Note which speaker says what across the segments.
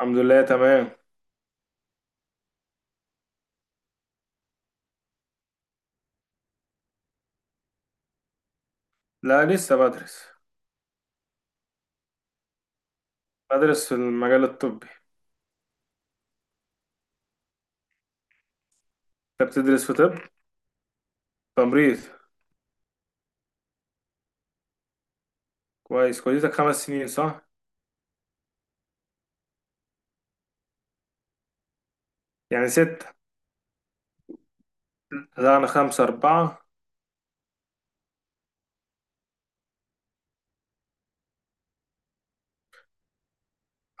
Speaker 1: الحمد لله تمام. لا، لسه بدرس في المجال الطبي. انت بتدرس في طب؟ تمريض. كويس، كليتك خمس سنين صح؟ يعني ستة. لا انا خمسة، أربعة.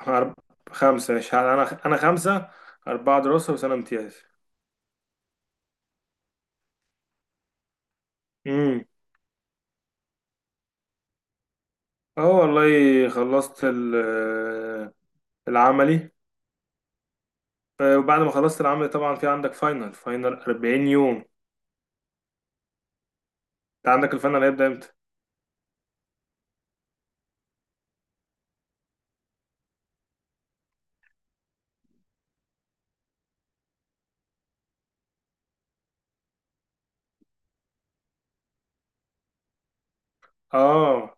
Speaker 1: أرب... خمسة، مش انا خمسة، أربعة دراسة وسنة امتياز. امم. اه والله، خلصت العملي. وبعد ما خلصت العملي طبعا في عندك فاينل 40 يوم. انت عندك الفاينل هيبدأ امتى؟ اه،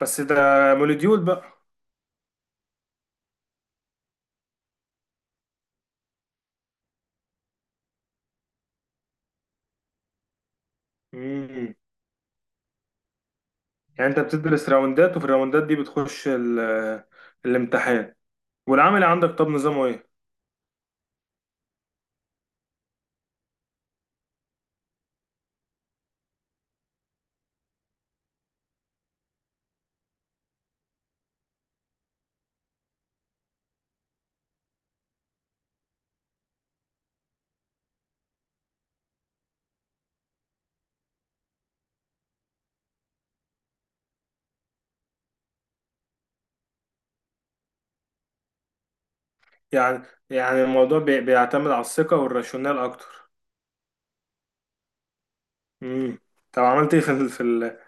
Speaker 1: بس ده مولوديول بقى. مم. يعني انت بتدرس راوندات، وفي الراوندات دي بتخش الامتحان. والعمل عندك، طب نظامه ايه؟ يعني يعني الموضوع بيعتمد على الثقة والراشونال اكتر. امم. طب عملت ايه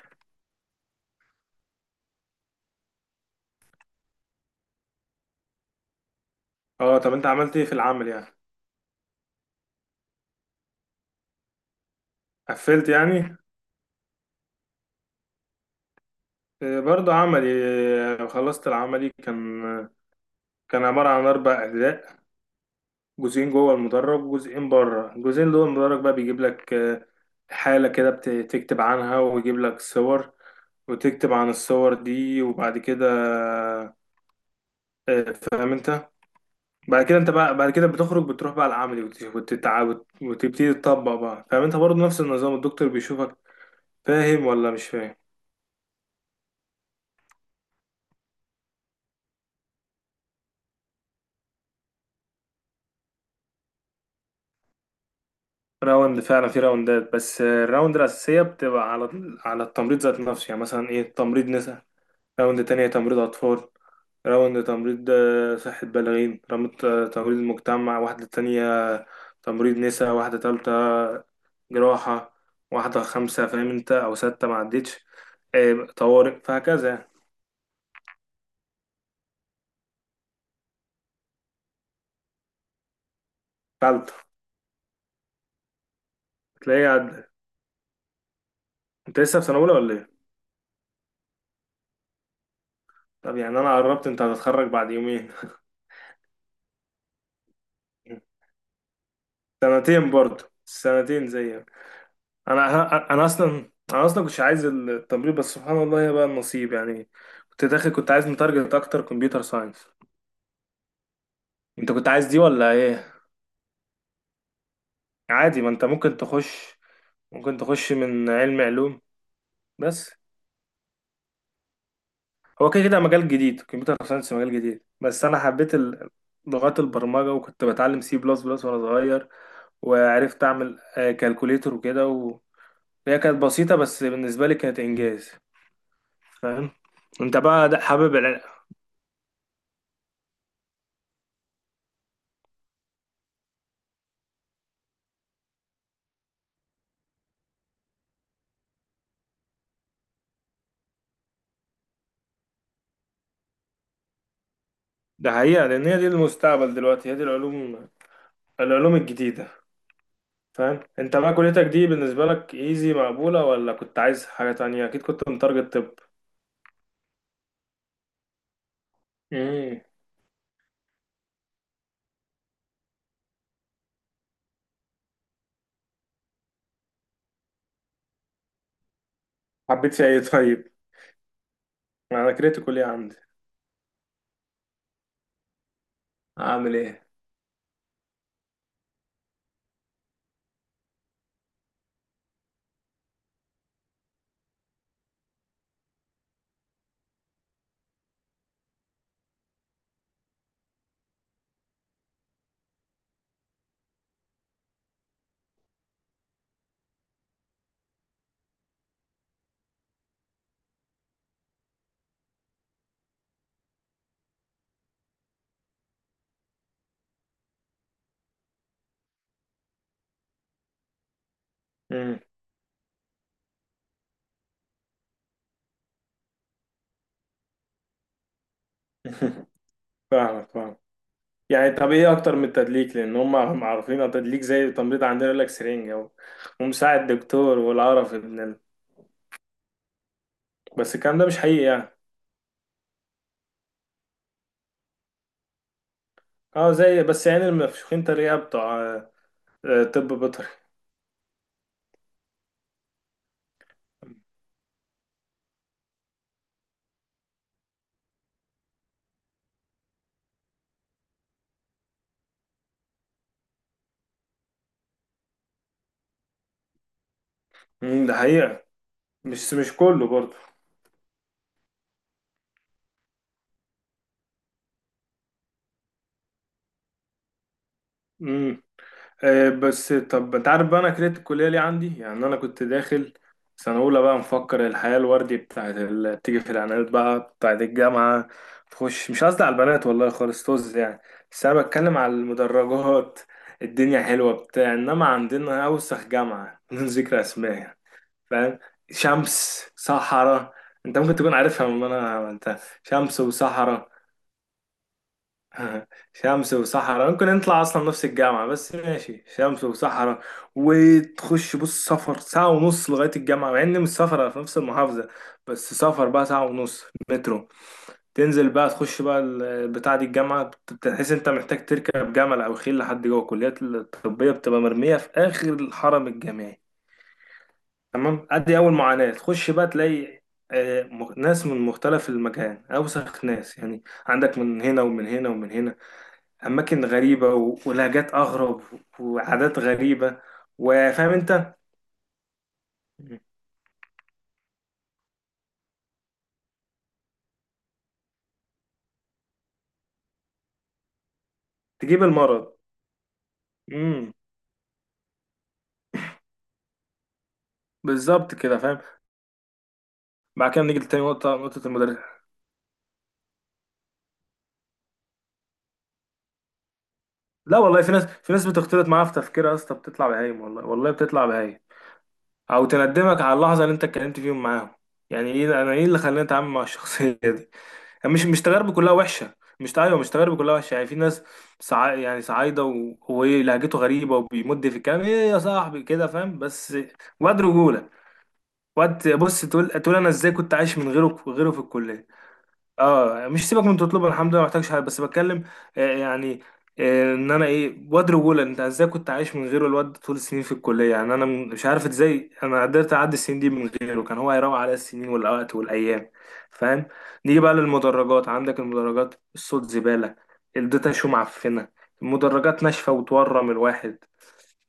Speaker 1: اه، طب انت عملت ايه في العمل يعني؟ قفلت يعني. برضه عملي. خلصت العملي، كان عبارة عن أربع أجزاء. جزئين جوه المدرج وجزئين بره. الجزئين جوه المدرج بقى بيجيب لك حالة كده تكتب عنها، ويجيب لك صور وتكتب عن الصور دي. وبعد كده فاهم انت؟ بعد كده انت بقى بعد كده بتخرج، بتروح بقى العملي وتبتدي تطبق بقى، فاهم انت؟ برضه نفس النظام، الدكتور بيشوفك فاهم ولا مش فاهم. راوند. فعلا في راوندات بس، الراوند الأساسية بتبقى على التمريض ذات نفسه. يعني مثلا، ايه، تمريض نساء. راوند تانية تمريض أطفال. راوند تمريض صحة بالغين، رمت تمريض مجتمع واحدة تانية. تمريض نساء واحدة تالتة. جراحة. واحدة خمسة، فاهم انت، أو ستة معدتش. طوارئ، فهكذا يعني. تالتة. تلاقيه عد. انت لسه في سنة أولى ولا ايه؟ طب يعني أنا قربت، انت هتتخرج بعد يومين. سنتين، برضه سنتين زيك. أنا أصلا كنتش عايز التمريض، بس سبحان الله هي بقى النصيب يعني. كنت عايز متارجت أكتر، كمبيوتر ساينس. انت كنت عايز دي ولا ايه؟ عادي، ما انت ممكن تخش، من علم علوم. بس هو كده كده مجال جديد، كمبيوتر ساينس مجال جديد، بس انا حبيت لغات البرمجة. وكنت بتعلم سي بلس بلس وانا صغير، وعرفت اعمل كالكوليتر وكده وهي كانت بسيطة، بس بالنسبة لي كانت انجاز. فاهم انت؟ بقى ده حابب ده حقيقة، لان هي دي المستقبل دلوقتي، هي دي العلوم الجديدة. فاهم انت؟ بقى كليتك دي بالنسبة لك ايزي مقبولة، ولا كنت عايز حاجة تانية؟ اكيد كنت متارجت. طب. حبيت فيها ايه طيب؟ انا كريتيكال ايه عندي؟ اعمل ايه؟ امم. فاهمك، فاهم. يعني طب ايه اكتر من التدليك؟ لان هم عارفين التدليك زي التمريض عندنا، يقول لك سرنجة ومساعد دكتور والقرف ابن بس الكلام ده مش حقيقي يعني. اه، زي بس يعني المفشوخين تريقة بتوع طب بيطري. امم. ده حقيقة، مش كله برضه. بس طب انت عارف بقى انا كرهت الكليه ليه عندي؟ يعني انا كنت داخل سنه اولى بقى، مفكر الحياه الوردي بتاعت اللي بتيجي في الاعلانات بقى بتاعت الجامعه. تخش، مش قصدي على البنات والله خالص طز يعني. بس انا بتكلم على المدرجات. الدنيا حلوه بتاع، انما عندنا اوسخ جامعه بدون ذكر اسماء يعني. فاهم. شمس صحراء. انت ممكن تكون عارفها، من انا عملتها شمس وصحراء. شمس وصحراء، ممكن نطلع اصلا نفس الجامعة. بس ماشي، شمس وصحراء. وتخش بص، سفر ساعة ونص لغاية الجامعة، مع ان مش سفر في نفس المحافظة، بس سفر بقى ساعة ونص. مترو. تنزل بقى تخش بقى بتاع دي الجامعة، بتحس انت محتاج تركب جمل او خيل لحد جوه. الكليات الطبية بتبقى مرمية في اخر الحرم الجامعي. تمام. ادي اول معاناة، تخش بقى تلاقي ناس من مختلف المكان، اوسخ ناس يعني، عندك من هنا ومن هنا ومن هنا. اماكن غريبه ولهجات اغرب، وعادات غريبه. وفاهم انت، تجيب المرض. امم. بالظبط كده، فاهم. بعد كده نيجي لتاني نقطه، المدرس. لا والله، في ناس بتختلط معاها في تفكيرها يا اسطى بتطلع بهايم، والله والله بتطلع بهايم، او تندمك على اللحظه اللي انت اتكلمت فيهم معاهم. يعني ايه، انا ايه اللي خلاني اتعامل مع الشخصيه دي؟ يعني مش تجاربي كلها وحشه، مش ايوه، مش تجاربي كلها وحشه يعني، في ناس. يعني صعايده وهو ايه، لهجته غريبه وبيمد في الكلام ايه يا صاحبي كده، فاهم، بس واد رجوله. واد بص، تقول انا ازاي كنت عايش من غيره في الكليه. اه مش سيبك من تطلبها، الحمد لله ما محتاجش حاجه، بس بتكلم. يعني، ان انا ايه، واد رجوله، انت ازاي كنت عايش من غيره الواد طول السنين في الكليه. يعني انا مش عارف ازاي انا قدرت اعدي السنين دي من غيره، كان هو هيروق على السنين والوقت والايام. فاهم. نيجي بقى للمدرجات. عندك المدرجات الصوت زباله، الداتا شو معفنه، المدرجات ناشفه وتورم الواحد،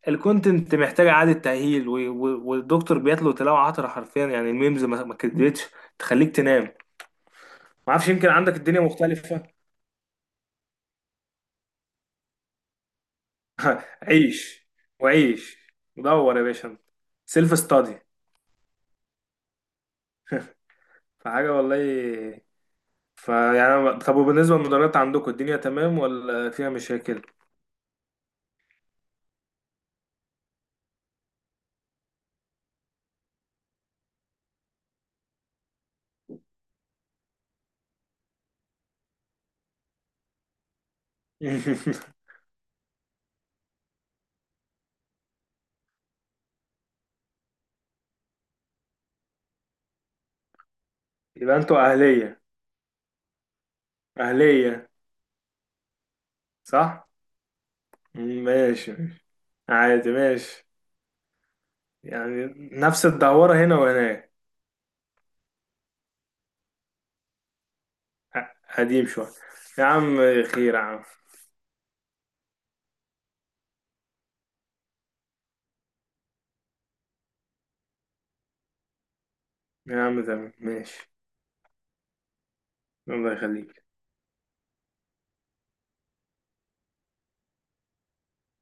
Speaker 1: الكونتنت محتاج اعاده تاهيل، والدكتور بيتلو تلاوه عطره حرفيا، يعني الميمز ما كدتش تخليك تنام. ما اعرفش، يمكن عندك الدنيا مختلفة. عيش وعيش، ودور يا باشا انت. سيلف ستادي. فحاجة والله. فيعني طب، وبالنسبة للمدرسة عندكم الدنيا تمام ولا فيها مشاكل؟ يبقى انتوا أهلية؟ أهلية. صح؟ ماشي. ماشي، عادي، ماشي. يعني نفس الدورة هنا وهناك. ق- قديم شوية. يا عم. خير يا عم. يا عم تمام ماشي. الله يخليك.